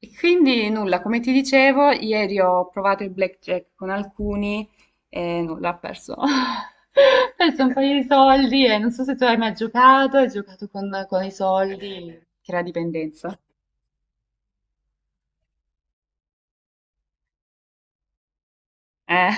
E quindi nulla, come ti dicevo, ieri ho provato il blackjack con alcuni e nulla, ho perso. Ho perso un paio di soldi e non so se tu hai mai giocato, hai giocato con i soldi, crea dipendenza. Eh.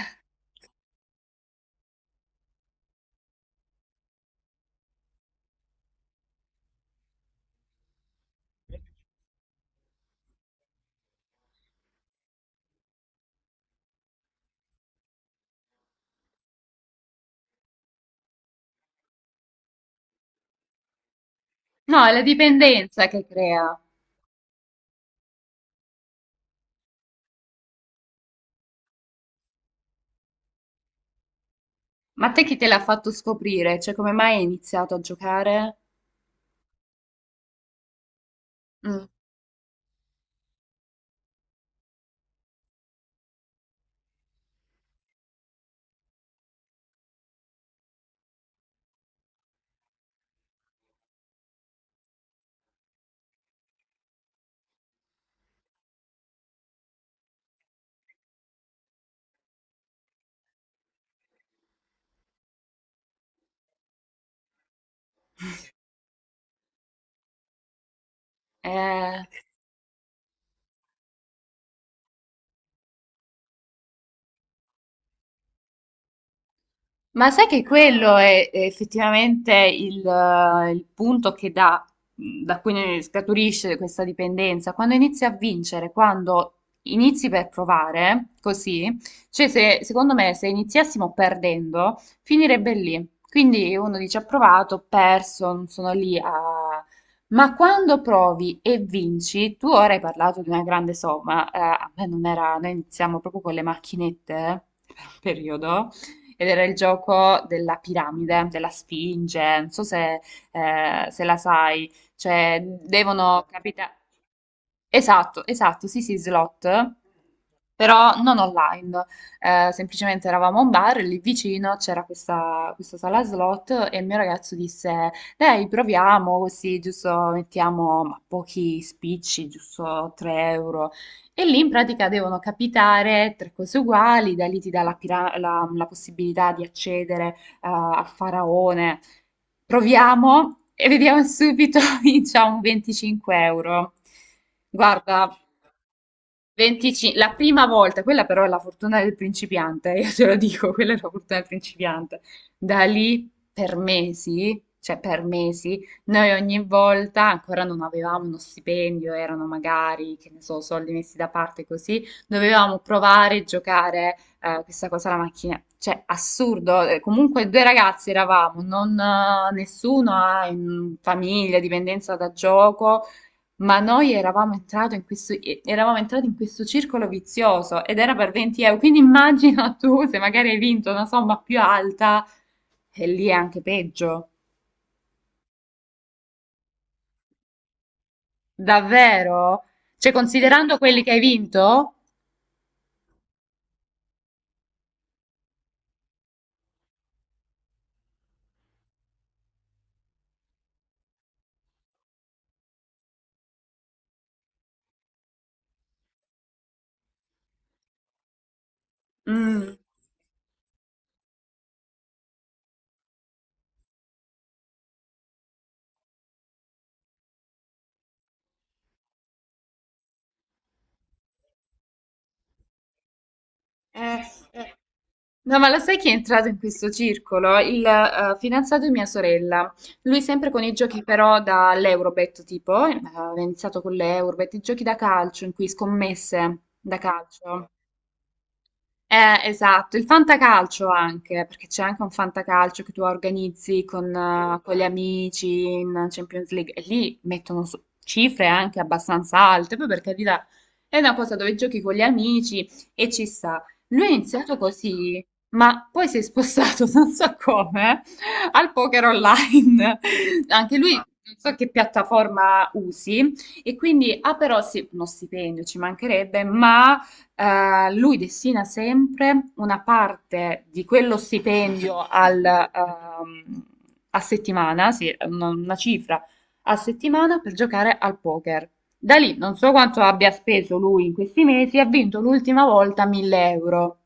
No, è la dipendenza che crea. Ma te chi te l'ha fatto scoprire? Cioè, come mai hai iniziato a giocare? Mm. Eh. Ma sai che quello è effettivamente il punto che dà, da cui ne scaturisce questa dipendenza. Quando inizi a vincere, quando inizi per provare, così, cioè se, secondo me se iniziassimo perdendo, finirebbe lì. Quindi uno dice ho provato, ho perso, non sono lì a. Ma quando provi e vinci, tu ora hai parlato di una grande somma, a me non era, noi iniziamo proprio con le macchinette per un periodo ed era il gioco della piramide, della sfinge, non so se, se la sai, cioè devono capitare. Esatto, esatto, sì, sì, slot, però non online. Semplicemente eravamo a un bar, lì vicino c'era questa sala slot e il mio ragazzo disse, dai, proviamo così, giusto, mettiamo pochi spicci, giusto 3 euro. E lì in pratica devono capitare tre cose uguali, da lì ti dà la possibilità di accedere al faraone. Proviamo e vediamo subito, vinciamo 25 euro. Guarda 25 la prima volta, quella però è la fortuna del principiante, io te lo dico, quella è la fortuna del principiante. Da lì per mesi, cioè per mesi, noi ogni volta ancora non avevamo uno stipendio, erano magari, che ne so, soldi messi da parte così, dovevamo provare a giocare questa cosa alla macchina. Cioè, assurdo, comunque due ragazzi eravamo, non, nessuno ha in famiglia, dipendenza da gioco, ma noi eravamo entrati in questo circolo vizioso ed era per 20 euro, quindi immagina tu se magari hai vinto una somma più alta e lì è anche peggio. Davvero? Cioè, considerando quelli che hai vinto? Mm. Eh, eh. No, ma lo sai chi è entrato in questo circolo? Il fidanzato di mia sorella. Lui sempre con i giochi però dall'Eurobet, tipo, aveva iniziato con l'Eurobet, i giochi da calcio in cui scommesse da calcio. Esatto, il fantacalcio anche, perché c'è anche un fantacalcio che tu organizzi con gli amici in Champions League e lì mettono cifre anche abbastanza alte, poi per carità è una cosa dove giochi con gli amici e ci sta. Lui ha iniziato così, ma poi si è spostato, non so come, al poker online. Anche lui, non so che piattaforma usi, e quindi ha però sì, uno stipendio, ci mancherebbe, ma lui destina sempre una parte di quello stipendio a settimana, sì, una cifra a settimana per giocare al poker. Da lì non so quanto abbia speso lui in questi mesi, ha vinto l'ultima volta 1.000 euro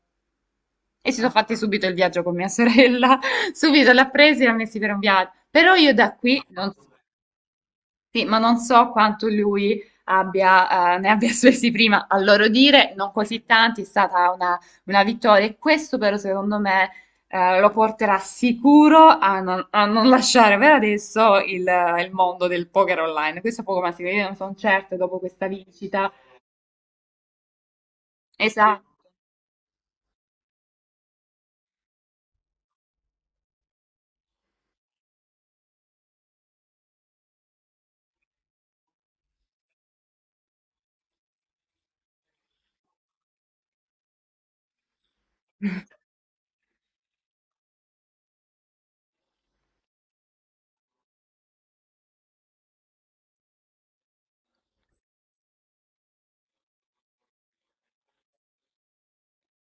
e si sono fatti subito il viaggio con mia sorella, subito l'ha preso e l'ha messi per un viaggio. Però io da qui non so. Sì, ma non so quanto lui ne abbia spesi prima, a loro dire, non così tanti, è stata una vittoria e questo però secondo me lo porterà sicuro a non, lasciare per adesso il mondo del poker online. Questo è poco ma sicuro, io non sono certa dopo questa vincita. Esatto.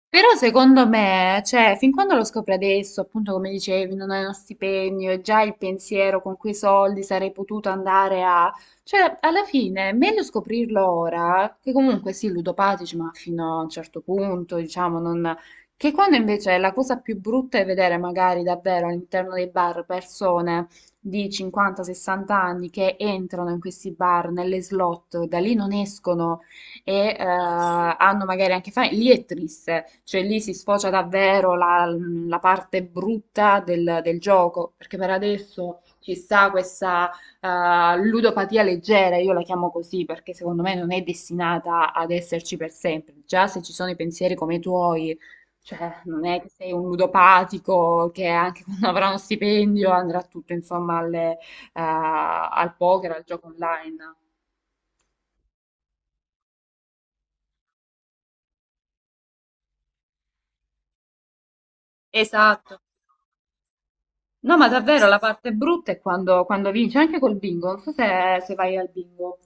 Però secondo me, cioè, fin quando lo scopri adesso, appunto come dicevi, non hai uno stipendio e già il pensiero con quei soldi sarei potuto andare a. Cioè, alla fine è meglio scoprirlo ora, che comunque sì, ludopatici, ma fino a un certo punto, diciamo, non. Che quando invece la cosa più brutta è vedere magari davvero all'interno dei bar persone di 50-60 anni che entrano in questi bar, nelle slot, da lì non escono e hanno magari anche famiglie, lì è triste, cioè lì si sfocia davvero la parte brutta del gioco, perché per adesso ci sta questa ludopatia leggera, io la chiamo così perché secondo me non è destinata ad esserci per sempre, già se ci sono i pensieri come i tuoi, cioè non è che sei un ludopatico che anche quando avrà uno stipendio andrà tutto insomma al poker, al gioco online. Esatto. No, ma davvero la parte brutta è quando, quando vinci, anche col bingo, non so se vai al bingo.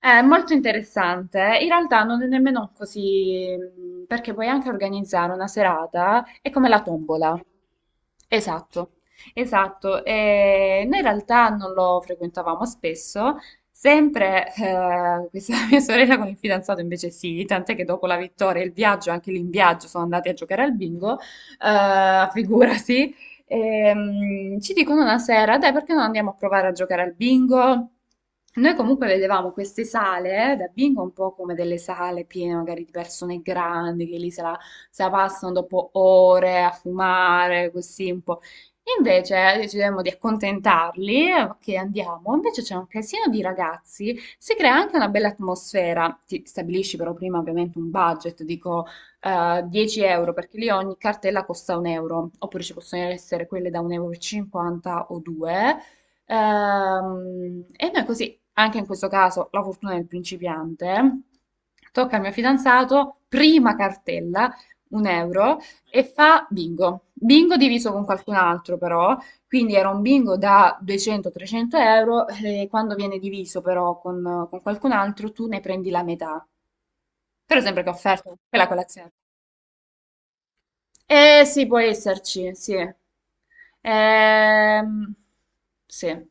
È molto interessante, in realtà non è nemmeno così, perché puoi anche organizzare una serata, è come la tombola. Esatto, esatto. E noi in realtà non lo frequentavamo spesso, sempre questa mia sorella con il fidanzato invece sì, tant'è che dopo la vittoria e il viaggio, anche lì in viaggio, sono andati a giocare al bingo, figurasi. Ci dicono una sera, dai, perché non andiamo a provare a giocare al bingo? Noi comunque vedevamo queste sale, da bingo un po' come delle sale piene magari di persone grandi che lì se la passano dopo ore a fumare, così un po'. Invece decidemmo di accontentarli, che andiamo, invece c'è un casino di ragazzi, si crea anche una bella atmosfera, ti stabilisci però prima ovviamente un budget, dico 10 euro perché lì ogni cartella costa un euro, oppure ci possono essere quelle da 1,50 euro e cinquanta o 2. E noi così, anche in questo caso, la fortuna del principiante, tocca al mio fidanzato, prima cartella, un euro, e fa bingo. Bingo diviso con qualcun altro però, quindi era un bingo da 200-300 euro e quando viene diviso però con qualcun altro tu ne prendi la metà. Però sempre che ho offerto quella colazione. Eh sì, può esserci, sì. Ehm, sì,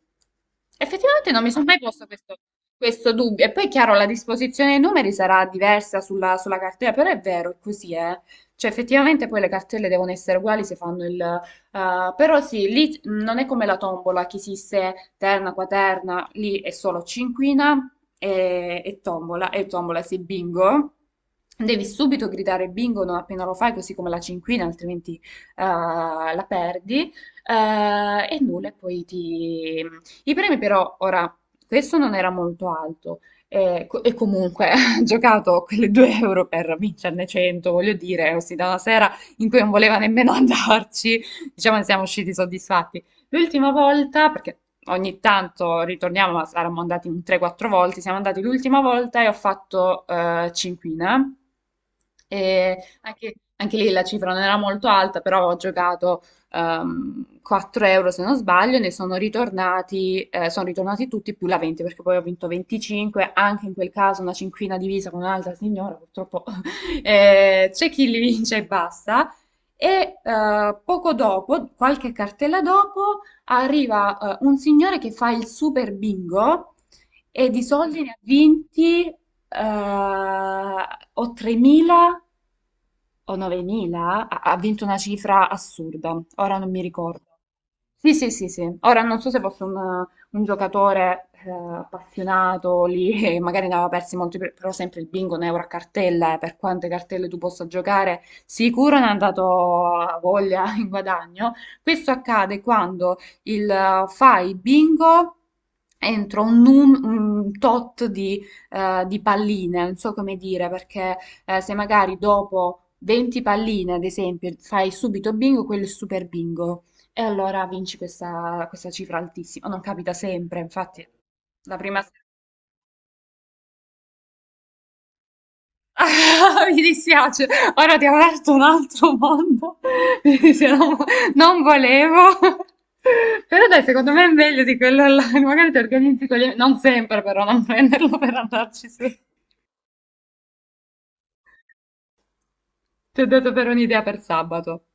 effettivamente non mi sono mai posto questo dubbio. E poi, chiaro, la disposizione dei numeri sarà diversa sulla cartella, però è vero, è così, eh. Cioè, effettivamente poi le cartelle devono essere uguali se fanno il. Però sì, lì non è come la tombola che esiste terna, quaterna, lì è solo cinquina e tombola, sì, bingo. Devi subito gridare bingo non appena lo fai, così come la cinquina, altrimenti la perdi. E nulla, e poi ti. I premi però, ora, questo non era molto alto, e comunque ho giocato quelle 2 euro per vincerne 100, voglio dire, ossia da una sera in cui non voleva nemmeno andarci, diciamo che siamo usciti soddisfatti. L'ultima volta, perché ogni tanto ritorniamo, ma saremmo andati un 3-4 volte, siamo andati l'ultima volta e ho fatto cinquina. E anche lì la cifra non era molto alta, però ho giocato 4 euro se non sbaglio, ne sono ritornati tutti più la 20 perché poi ho vinto 25, anche in quel caso una cinquina divisa con un'altra signora, purtroppo c'è chi li vince e basta. E poco dopo, qualche cartella dopo, arriva un signore che fa il super bingo e di soldi ne ha vinti o 3.000 o 9.000, ha vinto una cifra assurda, ora non mi ricordo. Sì, sì, sì, sì. Ora non so se fosse un giocatore appassionato lì e magari ne aveva persi molti, però sempre il bingo, un euro a cartella, per quante cartelle tu possa giocare, sicuro ne ha dato a voglia in guadagno. Questo accade quando fai bingo entro un tot di palline, non so come dire, perché se magari dopo 20 palline, ad esempio, fai subito bingo, quello è super bingo. E allora vinci questa cifra altissima. Non capita sempre, infatti, la prima. Mi dispiace, ora ti ho aperto un altro mondo. Se non volevo. Però dai, secondo me è meglio di quello online. Magari ti organizzi con gli. Non sempre, però, non prenderlo per andarci su. Ti ho dato per un'idea per sabato.